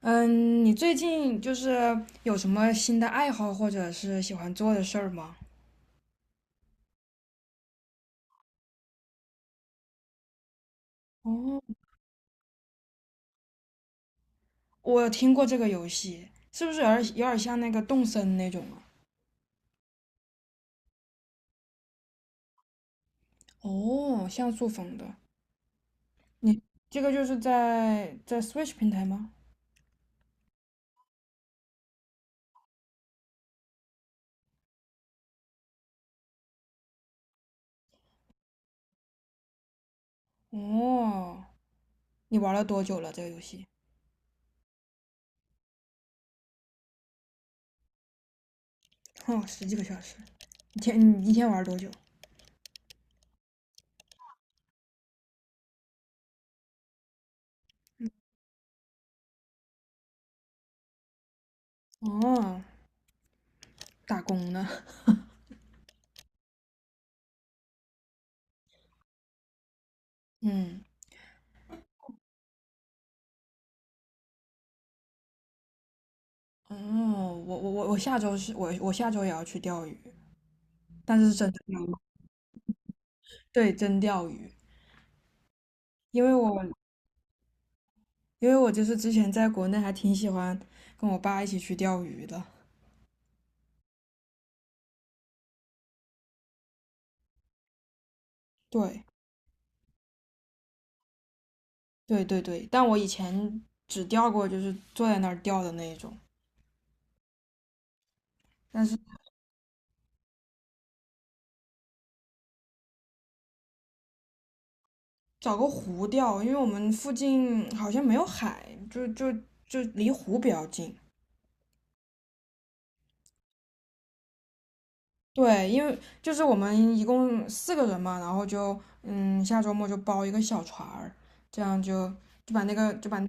嗯，你最近就是有什么新的爱好或者是喜欢做的事儿吗？哦，我听过这个游戏，是不是有点像那个动森那种啊？哦，像素风的。你这个就是在 Switch 平台吗？哦，你玩了多久了这个游戏？哦，十几个小时。你一天玩多久？哦，打工呢？嗯，哦，我下周也要去钓鱼，但是是真的钓鱼，对，真钓鱼。因为我因为我就是之前在国内还挺喜欢跟我爸一起去钓鱼的。对对对对，但我以前只钓过就是坐在那儿钓的那一种，但是找个湖钓，因为我们附近好像没有海，就离湖比较近。对，因为就是我们一共四个人嘛，然后就下周末就包一个小船儿，这样就就把那个就把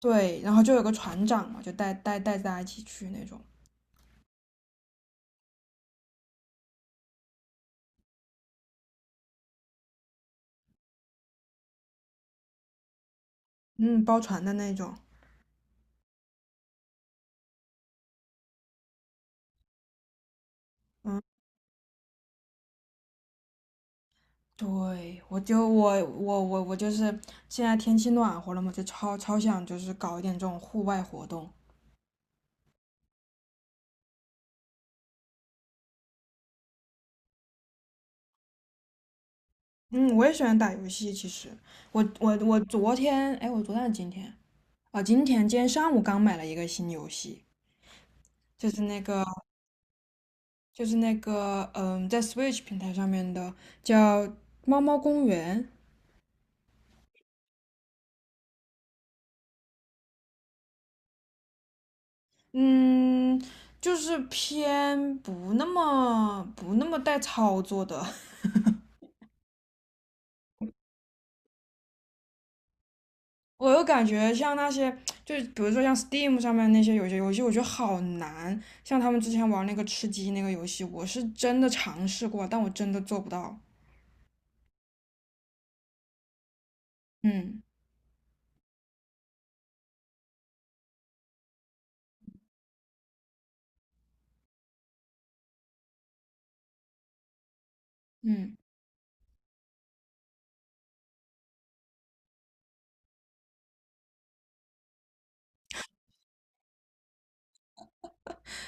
对，然后就有个船长嘛，就带大家一起去那种，嗯，包船的那种。嗯，对，我就我我我我就是现在天气暖和了嘛，就超想就是搞一点这种户外活动。嗯，我也喜欢打游戏，其实我昨天，哎，我昨天还是今天啊，今天上午刚买了一个新游戏，就是那个就是那个在 Switch 平台上面的叫《猫猫公园》，嗯，就是偏不那么带操作的 我又感觉像那些，就是比如说像 Steam 上面那些有些游戏，我觉得好难。像他们之前玩那个吃鸡那个游戏，我是真的尝试过，但我真的做不到。嗯嗯，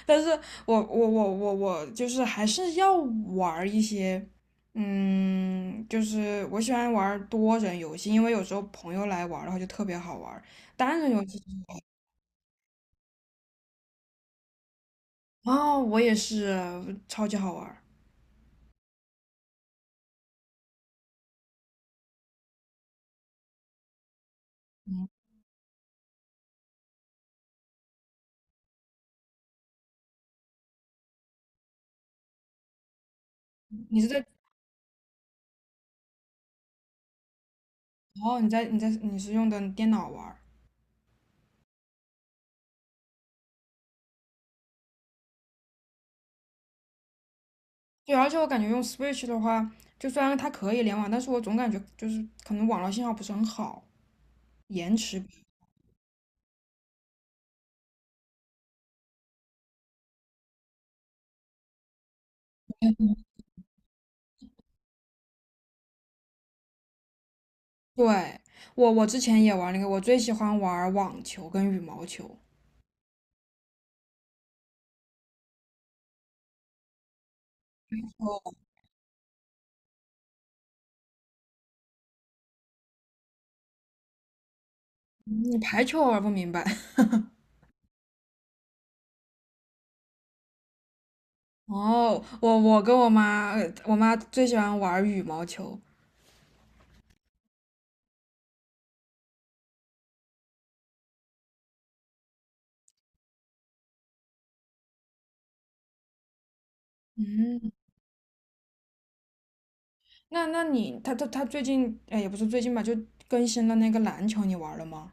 但是我就是还是要玩儿一些，嗯，就是我喜欢玩儿多人游戏，因为有时候朋友来玩儿的话就特别好玩儿。单人游戏。哦，我也是超级好玩。嗯，你是在？哦，你是用的电脑玩儿。对，而且我感觉用 Switch 的话，就虽然它可以联网，但是我总感觉就是可能网络信号不是很好，延迟。对，我之前也玩那个，我最喜欢玩网球跟羽毛球。哦，你排球玩不明白。哦，我跟我妈，我妈最喜欢玩羽毛球。嗯，那你，他最近，哎，也不是最近吧，就更新了那个篮球，你玩了吗？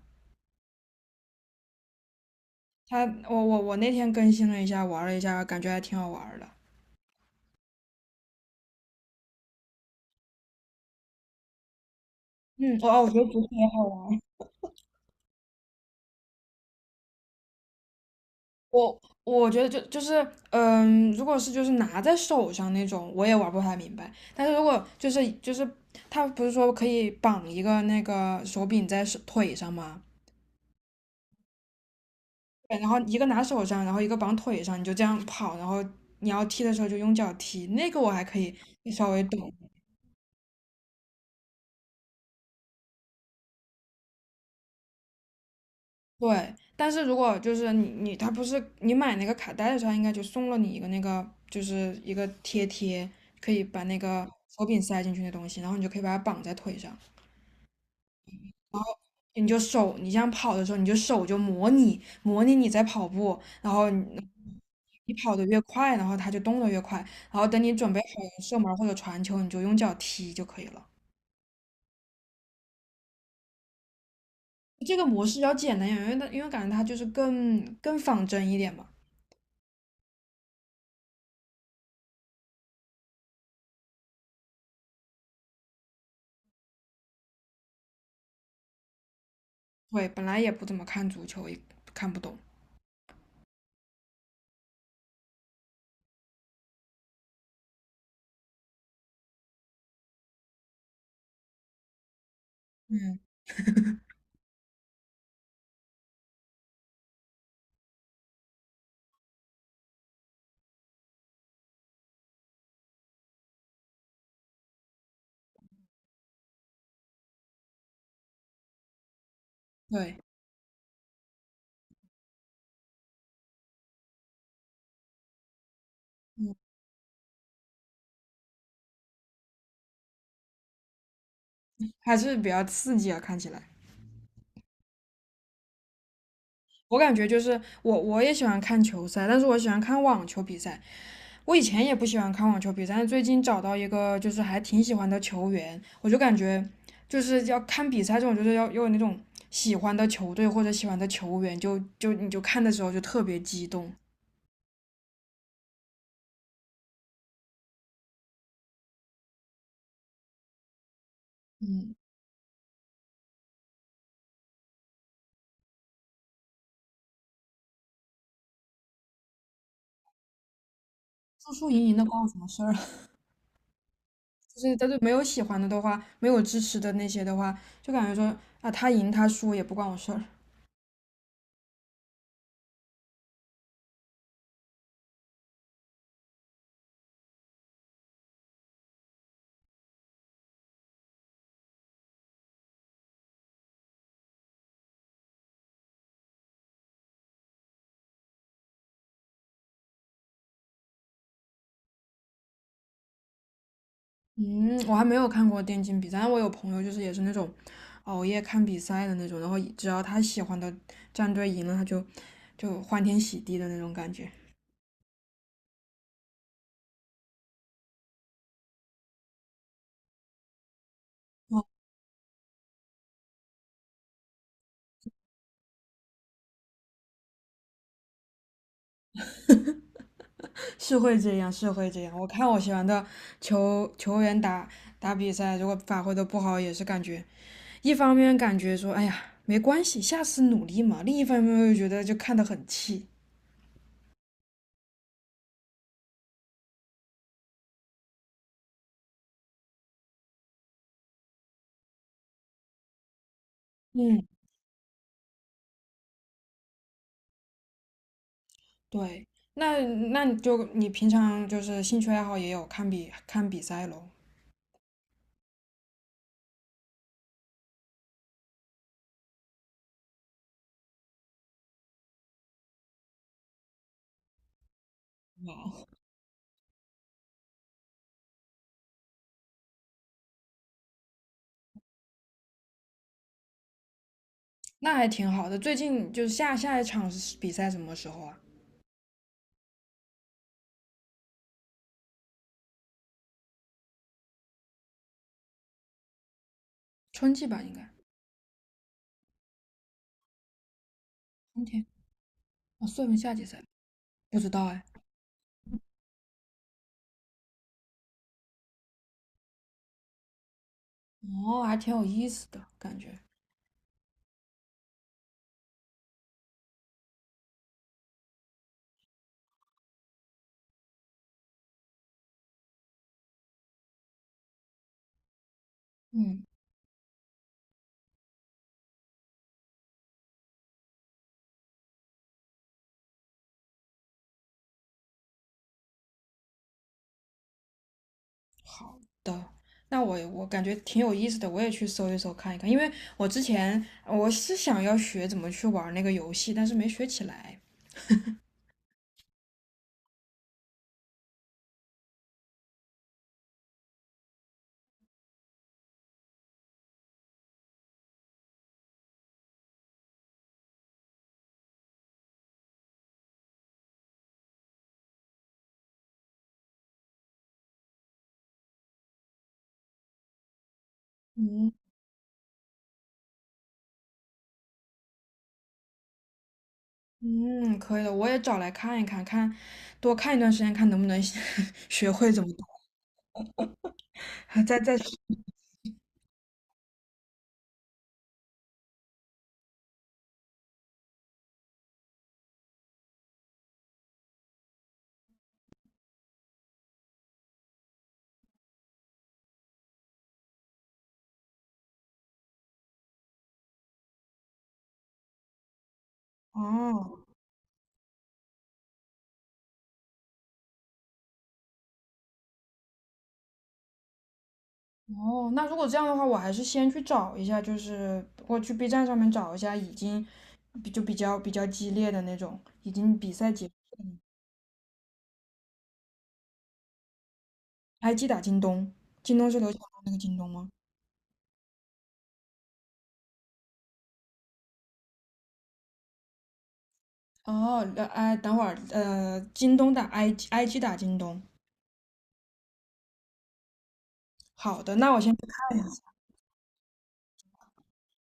他，我那天更新了一下，玩了一下，感觉还挺好玩的。嗯，哦哦，我觉得足球也好玩。我觉得就是，嗯，如果是就是拿在手上那种，我也玩不太明白。但是如果就是他不是说可以绑一个那个手柄在手腿上吗？对，然后一个拿手上，然后一个绑腿上，你就这样跑，然后你要踢的时候就用脚踢，那个我还可以稍微懂。对，但是如果就是他不是你买那个卡带的时候，它应该就送了你一个那个就是一个贴贴，可以把那个手柄塞进去的东西，然后你就可以把它绑在腿上。你就手，你这样跑的时候，你就手就模拟你在跑步，然后你跑得越快，然后它就动得越快，然后等你准备好射门或者传球，你就用脚踢就可以了。这个模式要简单一点，因为感觉它就是更仿真一点嘛。对，本来也不怎么看足球，也看不懂。嗯，对，嗯，还是比较刺激啊，看起来。我感觉就是我也喜欢看球赛，但是我喜欢看网球比赛，我以前也不喜欢看网球比赛，但最近找到一个就是还挺喜欢的球员，我就感觉就是要看比赛这种，就是要有那种喜欢的球队或者喜欢的球员，你就看的时候就特别激动，输输赢赢的关我什么事儿啊？就是但是没有喜欢的的话，没有支持的那些的话，就感觉说啊他赢他输也不关我事儿。嗯，我还没有看过电竞比赛，但我有朋友就是也是那种熬夜看比赛的那种，然后只要他喜欢的战队赢了，他就欢天喜地的那种感觉。哦，是会这样，是会这样。我看我喜欢的球员打比赛，如果发挥的不好，也是感觉一方面感觉说，哎呀，没关系，下次努力嘛；另一方面又觉得就看得很气。嗯，对。那那你平常就是兴趣爱好也有看比赛喽？那还挺好的。最近就是下一场是比赛什么时候啊？春季吧，应该冬天啊，算不算夏季赛，不知道哎。哦，还挺有意思的感觉。嗯，好的。那我感觉挺有意思的，我也去搜一搜看一看，因为我之前是想要学怎么去玩那个游戏，但是没学起来。嗯，可以的，我也找来看一看，看多看一段时间，看能不能 学会怎么打，哦。哦，那如果这样的话，我还是先去找一下，就是我去 B 站上面找一下已经比较激烈的那种，已经比赛结束的。还击打京东，京东是刘强东那个京东吗？哦，哎，等会儿，京东打 IG IG 打京东。好的，那我先去看一下，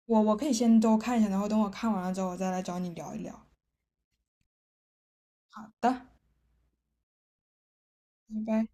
我可以先都看一下，然后等我看完了之后，我再来找你聊一聊。好的，拜拜。